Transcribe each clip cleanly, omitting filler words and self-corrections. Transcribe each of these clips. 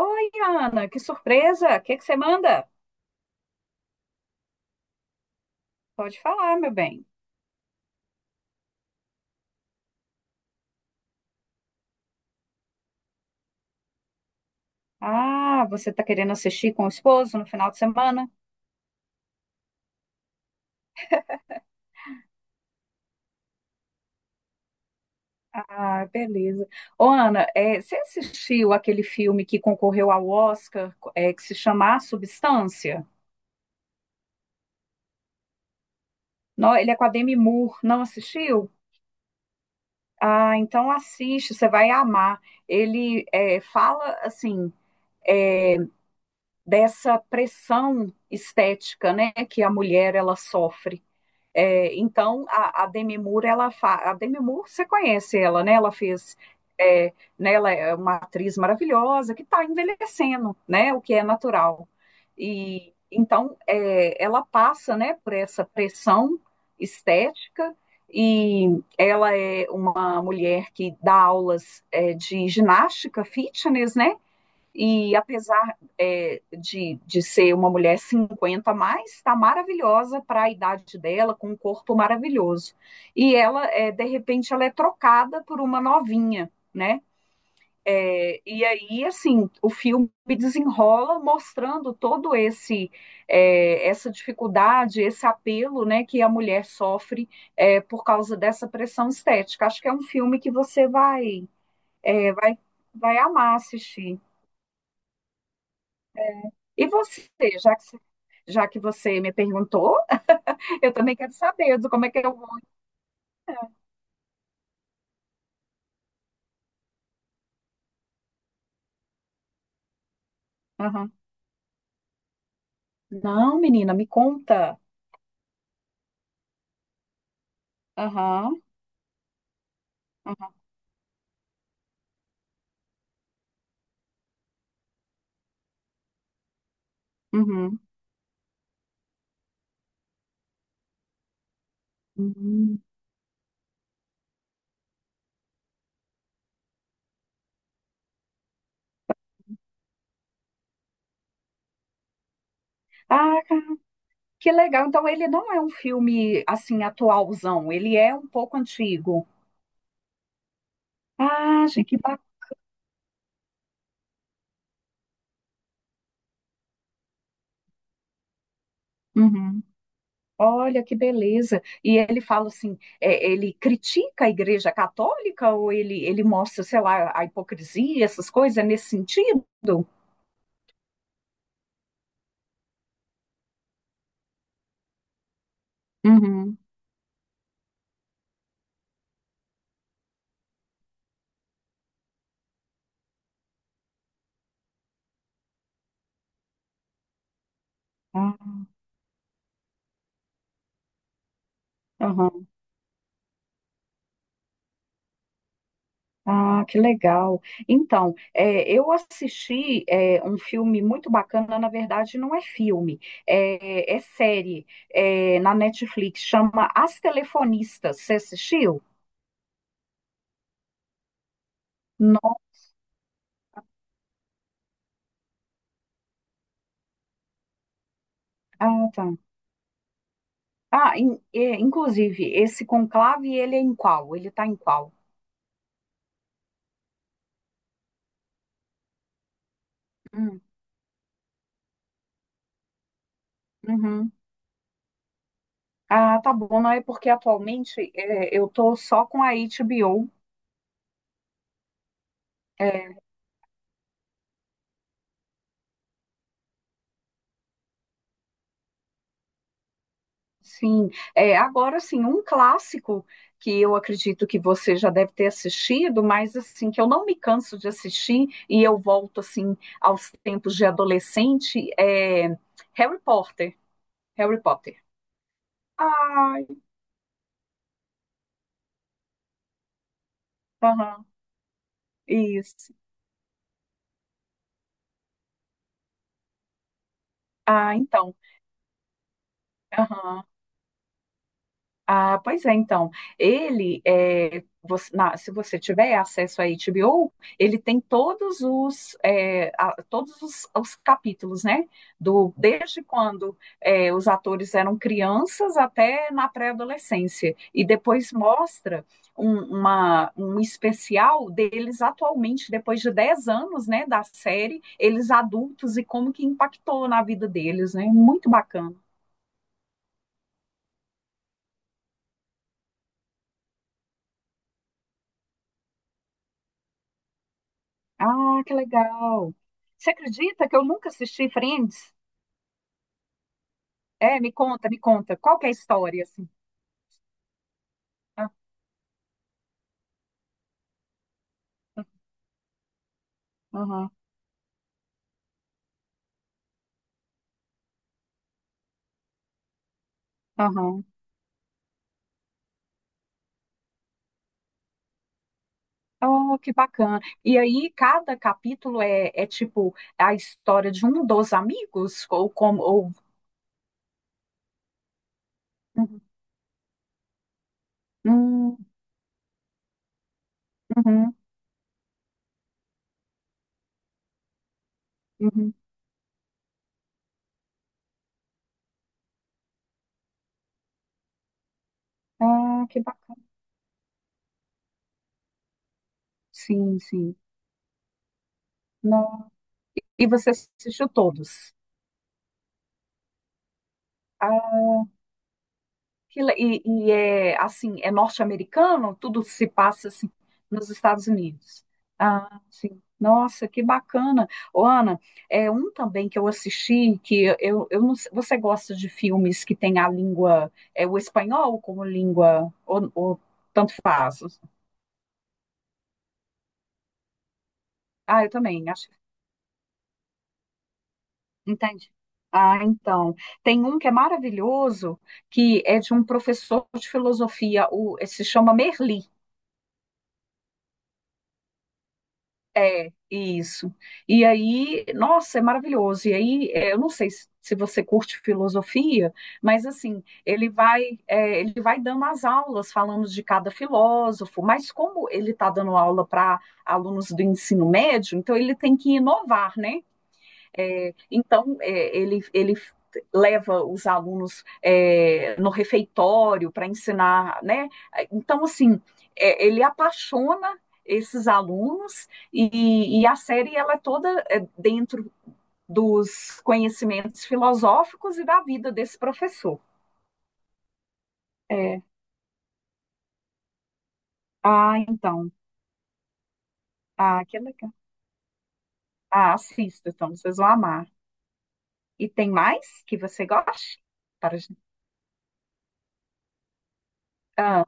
Oi, Ana, que surpresa! O que que você manda? Pode falar, meu bem. Ah, você está querendo assistir com o esposo no final de semana? Ah, beleza. Ô, Ana, você assistiu aquele filme que concorreu ao Oscar, que se chama A Substância? Não, ele é com a Demi Moore. Não assistiu? Ah, então assiste, você vai amar. Ele fala assim é, dessa pressão estética, né, que a mulher ela sofre. Então, a Demi Moore, você conhece ela, né? Ela fez, é, né? Ela é uma atriz maravilhosa que está envelhecendo, né? O que é natural. E então, ela passa, né? Por essa pressão estética e ela é uma mulher que dá aulas de ginástica, fitness, né? E apesar de ser uma mulher 50, a mais, está maravilhosa para a idade dela, com um corpo maravilhoso. E ela, de repente, ela é trocada por uma novinha, né? E aí, assim, o filme desenrola mostrando todo esse essa dificuldade, esse apelo, né, que a mulher sofre por causa dessa pressão estética. Acho que é um filme que você vai é, vai vai amar assistir. E você, já que, já que você me perguntou, eu também quero saber do como é que eu vou. Aham. Não, menina, me conta. Aham. Aham, uhum, uhum. Ah, que legal. Então, ele não é um filme assim atualzão, ele é um pouco antigo. Ah, gente, que bacana. Olha que beleza. E ele fala assim, ele critica a Igreja Católica ou ele mostra, sei lá, a hipocrisia, essas coisas nesse sentido? Uhum. Ah, aham. Ah, que legal. Então, eu assisti um filme muito bacana, na verdade, não é filme, é série, na Netflix, chama As Telefonistas. Você assistiu? Não. Ah, tá. Ah, inclusive, esse conclave, ele é em qual? Ele está em qual? Hum, uhum. Ah, tá bom, não é porque atualmente eu tô só com a HBO. Sim, agora sim, um clássico que eu acredito que você já deve ter assistido, mas assim, que eu não me canso de assistir e eu volto assim aos tempos de adolescente, é Harry Potter, Harry Potter. Ai, aham, isso. Ah, então. Ah, pois é, então, ele, é, você- na- se você tiver acesso à HBO, ele tem todos todos os capítulos, né? Desde quando os atores eram crianças até na pré-adolescência. E depois mostra um especial deles atualmente, depois de 10 anos, né, da série, eles adultos e como que impactou na vida deles, né? Muito bacana. Ah, que legal. Você acredita que eu nunca assisti Friends? É, me conta, me conta. Qual que é a história, assim? Ah, aham, aham. Oh, que bacana. E aí, cada capítulo é tipo a história de um dos amigos? Ou como? Ou. Uhum, uhum, uhum, uhum. Ah, que bacana. Sim, sim. Não. E você assistiu todos? Ah, e é assim, é norte-americano, tudo se passa assim nos Estados Unidos. Ah, sim. Nossa, que bacana. Ô, Ana, é um também que eu assisti que eu não sei- você gosta de filmes que tem a língua, o espanhol como língua, ou, tanto faz? Ah, eu também, acho. Entende? Ah, então. Tem um que é maravilhoso, que é de um professor de filosofia, se chama Merli. É, isso. E aí, nossa, é maravilhoso. E aí, eu não sei se você curte filosofia, mas assim, ele vai dando as aulas falando de cada filósofo, mas como ele está dando aula para alunos do ensino médio, então ele tem que inovar, né? Então, ele leva os alunos no refeitório para ensinar, né? Então, assim, ele apaixona esses alunos e a série ela é toda dentro dos conhecimentos filosóficos e da vida desse professor. É. Ah, então. Ah, que legal. Ah, assista, então, vocês vão amar. E tem mais que você goste? Para... a gente- Ah,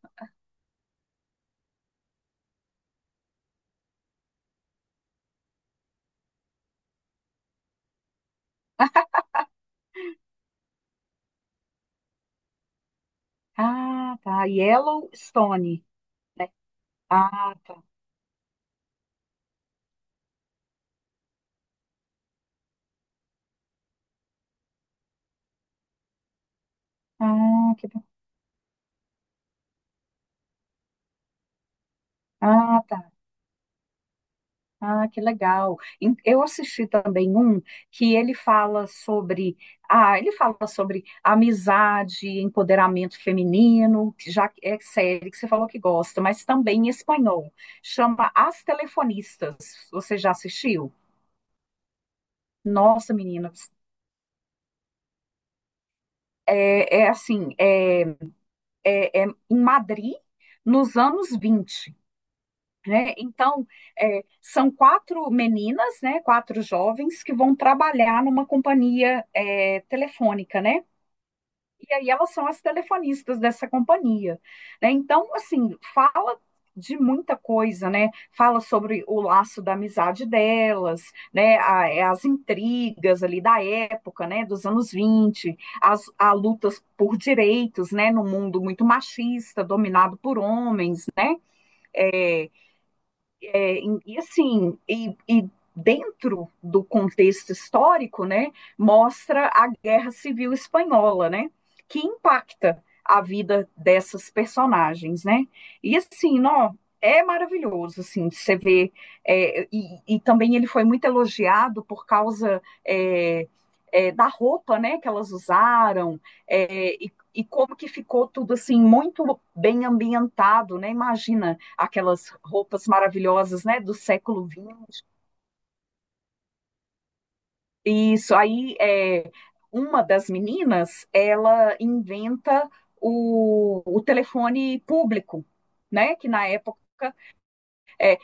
ah, tá. Yellowstone, né? Ah, tá. Ah, ah, tá. Ah, que legal. Eu assisti também um que ele fala sobre amizade, empoderamento feminino, que já é série que você falou que gosta, mas também em espanhol. Chama As Telefonistas. Você já assistiu? Nossa, menina, é assim, é em Madrid nos anos 20, né? Então, são quatro meninas, né, quatro jovens que vão trabalhar numa companhia telefônica, né? E aí elas são as telefonistas dessa companhia, né? Então, assim, fala de muita coisa, né? Fala sobre o laço da amizade delas, né? As intrigas ali da época, né? Dos anos 20, as a lutas por direitos, né? No mundo muito machista, dominado por homens, e assim, e dentro do contexto histórico, né, mostra a Guerra Civil Espanhola, né, que impacta a vida dessas personagens, né? E assim, ó, é maravilhoso, assim, você vê, também ele foi muito elogiado por causa da roupa, né, que elas usaram, e como que ficou tudo, assim, muito bem ambientado, né? Imagina, aquelas roupas maravilhosas, né, do século XX. Isso, aí uma das meninas, ela inventa o telefone público, né, que na época.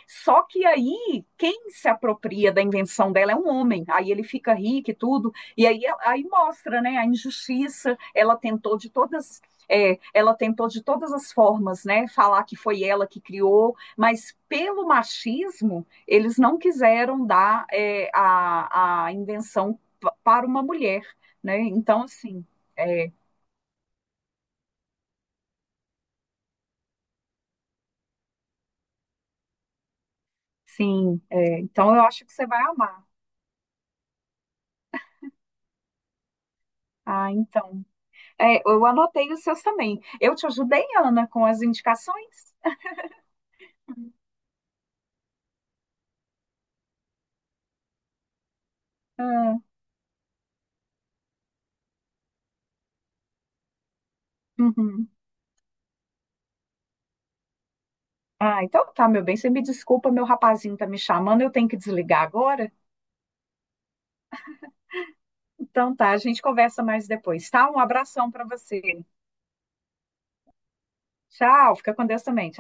Só que aí, quem se apropria da invenção dela é um homem. Aí ele fica rico e tudo. E aí, mostra, né, a injustiça. Ela tentou de todas as formas, né, falar que foi ela que criou. Mas pelo machismo, eles não quiseram dar a invenção para uma mulher, né? Então, assim, é, sim. Então, eu acho que você vai amar. Ah, então. É, eu anotei os seus também. Eu te ajudei, Ana, com as indicações? Ah, uhum. Ah, então tá, meu bem. Você me desculpa, meu rapazinho tá me chamando, eu tenho que desligar agora. Então tá, a gente conversa mais depois, tá? Um abração pra você. Tchau, fica com Deus também.